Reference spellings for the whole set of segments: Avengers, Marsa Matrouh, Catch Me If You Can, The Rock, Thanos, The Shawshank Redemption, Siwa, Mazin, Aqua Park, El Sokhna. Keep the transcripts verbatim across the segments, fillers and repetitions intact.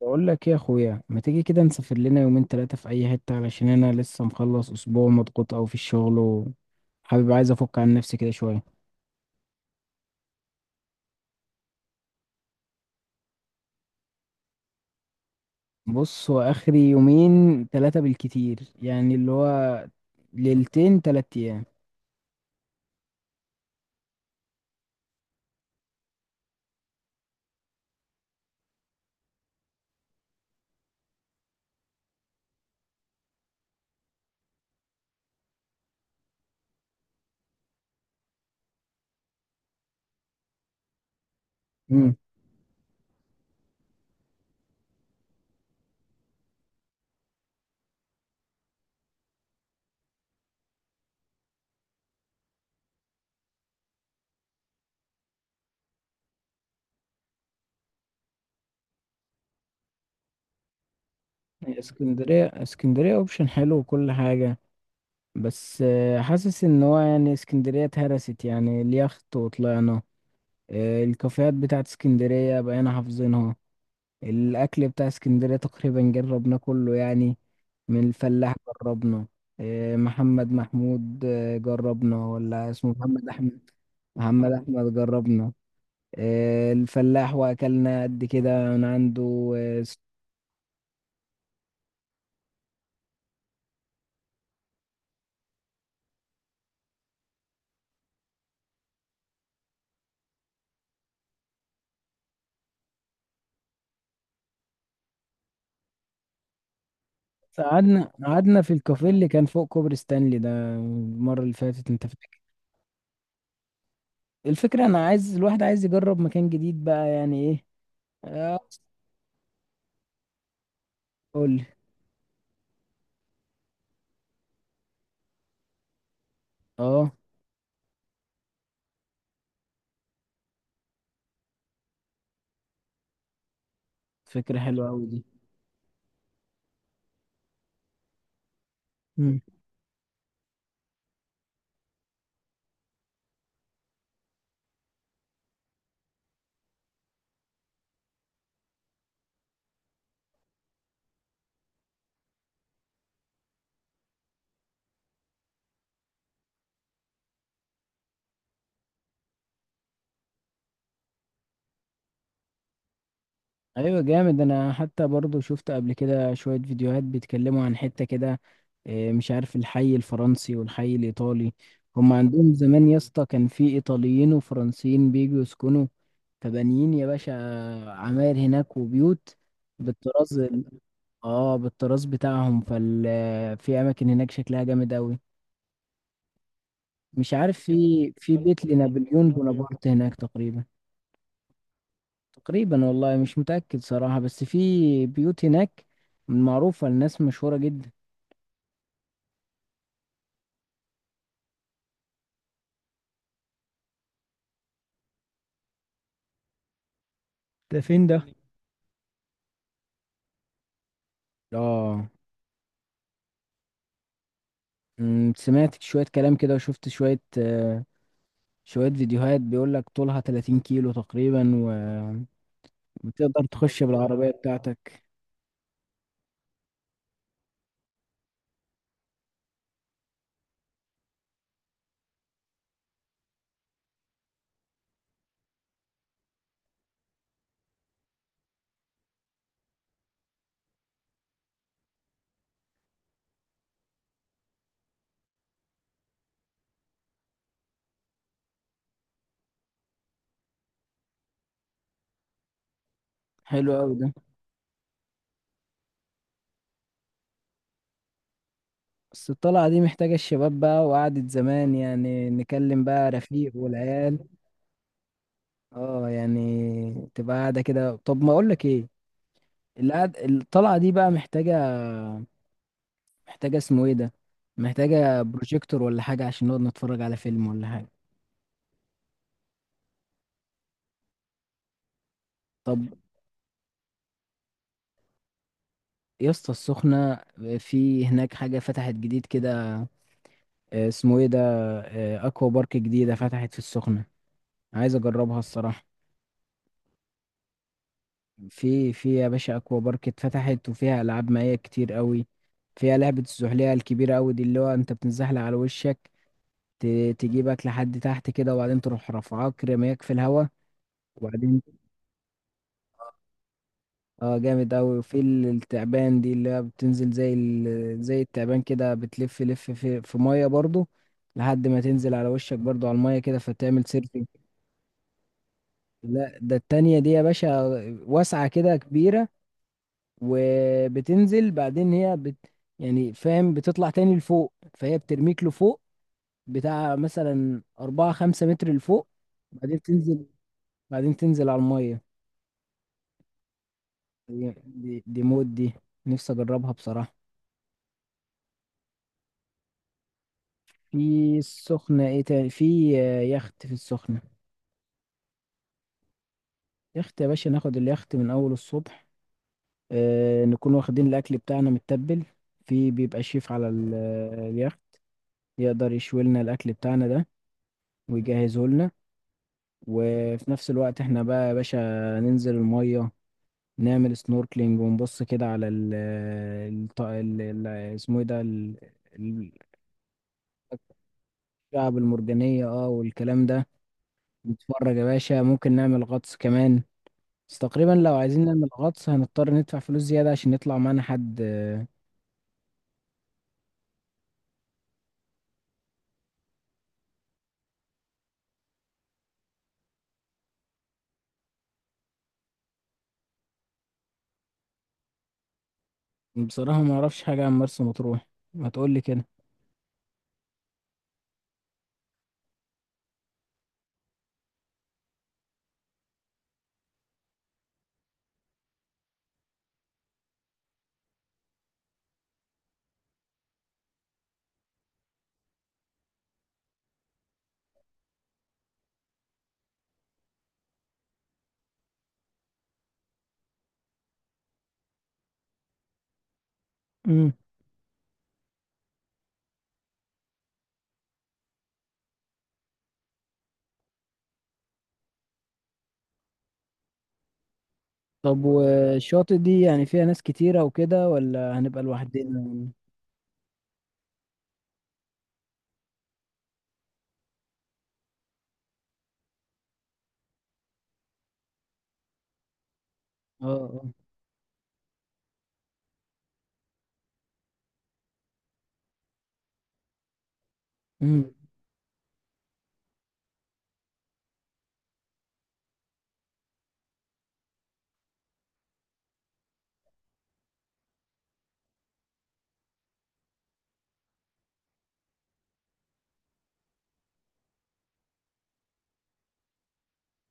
بقول لك ايه يا اخويا، ما تيجي كده نسافر لنا يومين ثلاثة في اي حتة؟ علشان انا لسه مخلص اسبوع مضغوط او في الشغل، وحابب عايز افك عن نفسي كده شوية. بص، هو اخري يومين ثلاثة بالكتير، يعني اللي هو ليلتين تلات ايام. امم اسكندرية اسكندرية اوبشن حلو وكل حاجة، بس آه، حاسس ان هو يعني اسكندرية اتهرست، يعني اليخت وطلعنا. آه، الكافيهات بتاعت اسكندرية بقينا حافظينها. الأكل بتاع اسكندرية تقريبا جربناه كله يعني. من الفلاح جربنا. إيه، محمد محمود، آه، جربنا؟ ولا اسمه محمد أحمد؟ محمد أحمد جربنا. إيه، الفلاح وأكلنا قد كده من عنده آه، س- قعدنا قعدنا في الكافيه اللي كان فوق كوبري ستانلي ده المرة اللي فاتت، أنت فاكر؟ الفكرة أنا عايز، الواحد عايز يجرب مكان جديد بقى يعني إيه. آه، قول لي. أه، فكرة حلوة أوي دي. ايوه جامد، انا حتى برضو شفت قبل كده شوية فيديوهات بيتكلموا عن حتة كده. إيه، مش عارف الحي الفرنسي والحي الايطالي. هم عندهم زمان يا اسطى كان في ايطاليين وفرنسيين بيجوا يسكنوا، فبانيين يا باشا، عماير هناك وبيوت بالطراز ال- اه بالطراز بتاعهم فال، في اماكن هناك شكلها جامد اوي. مش عارف، في في بيت لنابليون بونابرت هناك تقريبا. تقريبا والله مش متأكد صراحة، بس في بيوت هناك معروفة لناس مشهورة جدا. ده فين ده؟ اه. أمم، سمعت شوية كلام كده، وشفت شوية آه، شوية فيديوهات بيقولك طولها ثلاثين كيلو تقريبا و- وتقدر تخش بالعربية بتاعتك. حلو أوي ده. بس الطلعة دي محتاجة الشباب بقى وقعدة زمان، يعني نكلم بقى رفيق والعيال. اه، يعني تبقى قاعدة كده. طب ما أقولك ايه، القعد- الطلعة دي بقى محتاجة، محتاجة اسمه ايه ده، محتاجة بروجيكتور ولا حاجة عشان نقعد نتفرج على فيلم ولا حاجة. طب، يا اسطى السخنة، في هناك حاجة فتحت جديد كده، آه، اسمه ايه ده، آه، اكوا بارك جديدة فتحت في السخنة، عايز اجربها الصراحة. في في يا باشا، اكوا بارك اتفتحت، وفيها العاب مائية كتير قوي. فيها لعبة الزحلية الكبيرة قوي دي، اللي هو انت بتنزحلق على وشك، ت- تجيبك لحد تحت كده، وبعدين تروح رافعاك رميك في الهوا، وبعدين اه جامد اوي. وفي ال- التعبان دي، اللي هي بتنزل زي ال... زي التعبان كده، بتلف لف في في ميه برضو لحد ما تنزل على وشك برضو على الميه كده فتعمل سيرفنج. لا، ده التانية دي يا باشا، واسعة كده كبيرة، وبتنزل بعدين هي بت... يعني فاهم، بتطلع تاني لفوق، فهي بترميك لفوق بتاع مثلا أربعة خمسة متر لفوق، بعدين تنزل، بعدين تنزل على المية. دي دي, دي مود دي، نفسي أجربها بصراحة. في السخنة ايه تاني؟ في آه، يخت في السخنة. يخت يا باشا، ناخد اليخت من أول الصبح، آه نكون واخدين الأكل بتاعنا متبل، في بيبقى شيف على ال- آه، اليخت يقدر يشوي لنا الأكل بتاعنا ده ويجهزه لنا. وفي نفس الوقت احنا بقى يا باشا ننزل المية، نعمل سنوركلينج، ونبص كده على ال آه، الط- ال- ال- اسمه ايه ده، ال- ال- الشعب المرجانية، اه والكلام ده. نتفرج يا باشا، ممكن نعمل غطس كمان، بس تقريبا لو عايزين نعمل غطس هنضطر ندفع فلوس زيادة عشان يطلع معانا حد آه، بصراحة ما اعرفش حاجة عن مرسى مطروح، ما تقولي كده. امم. طب، والشاطئ دي يعني فيها ناس كتيرة وكده، ولا هنبقى لوحدنا؟ اه اه. امم.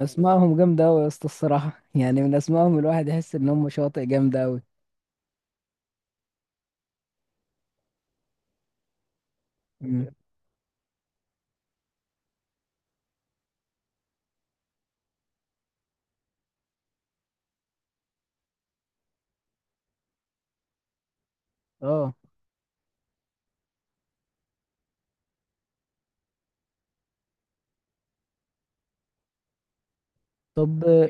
اسمائهم جامدة أوي يا اسطى الصراحة يعني من اسمائهم الواحد يحس ان هم شواطئ جامدة أوي. امم. اه. طب آه،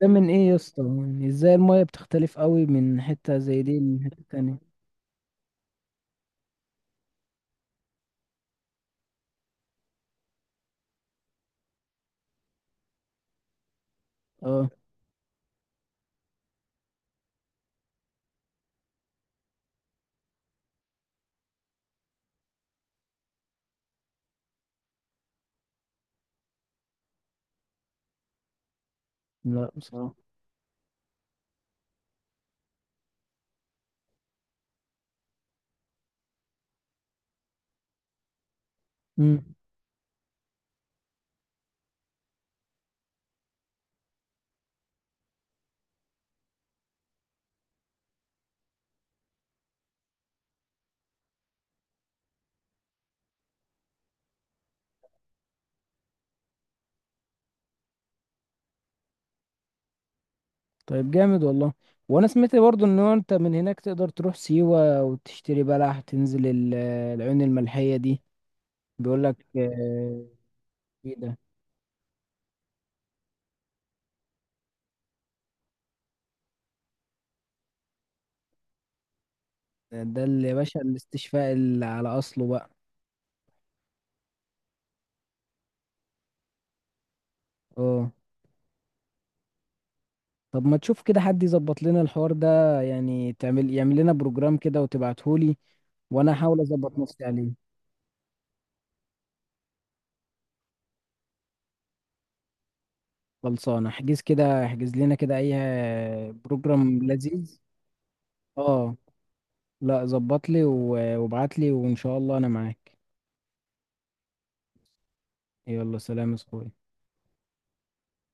ده من ايه يا اسطى؟ يعني ازاي المية بتختلف أوي من حتة زي دي لحتة تانية؟ اه. لا بصراحة. مم. طيب جامد والله، وانا سمعت برضو ان هو انت من هناك تقدر تروح سيوة وتشتري بلح، تنزل ال- العيون الملحية دي، بيقول لك آه، ايه ده؟ ده اللي يا باشا الاستشفاء اللي على اصله بقى. اه. طب، ما تشوف كده حد يظبط لنا الحوار ده يعني، تعمل يعمل لنا بروجرام كده وتبعتهولي، وانا احاول اظبط نفسي عليه. خلصانه، احجز كده، احجز لنا كده اي آه، بروجرام لذيذ. اه. لا، ظبط لي و- وابعت لي، وان شاء الله انا معاك. يلا، سلام يا اخوي.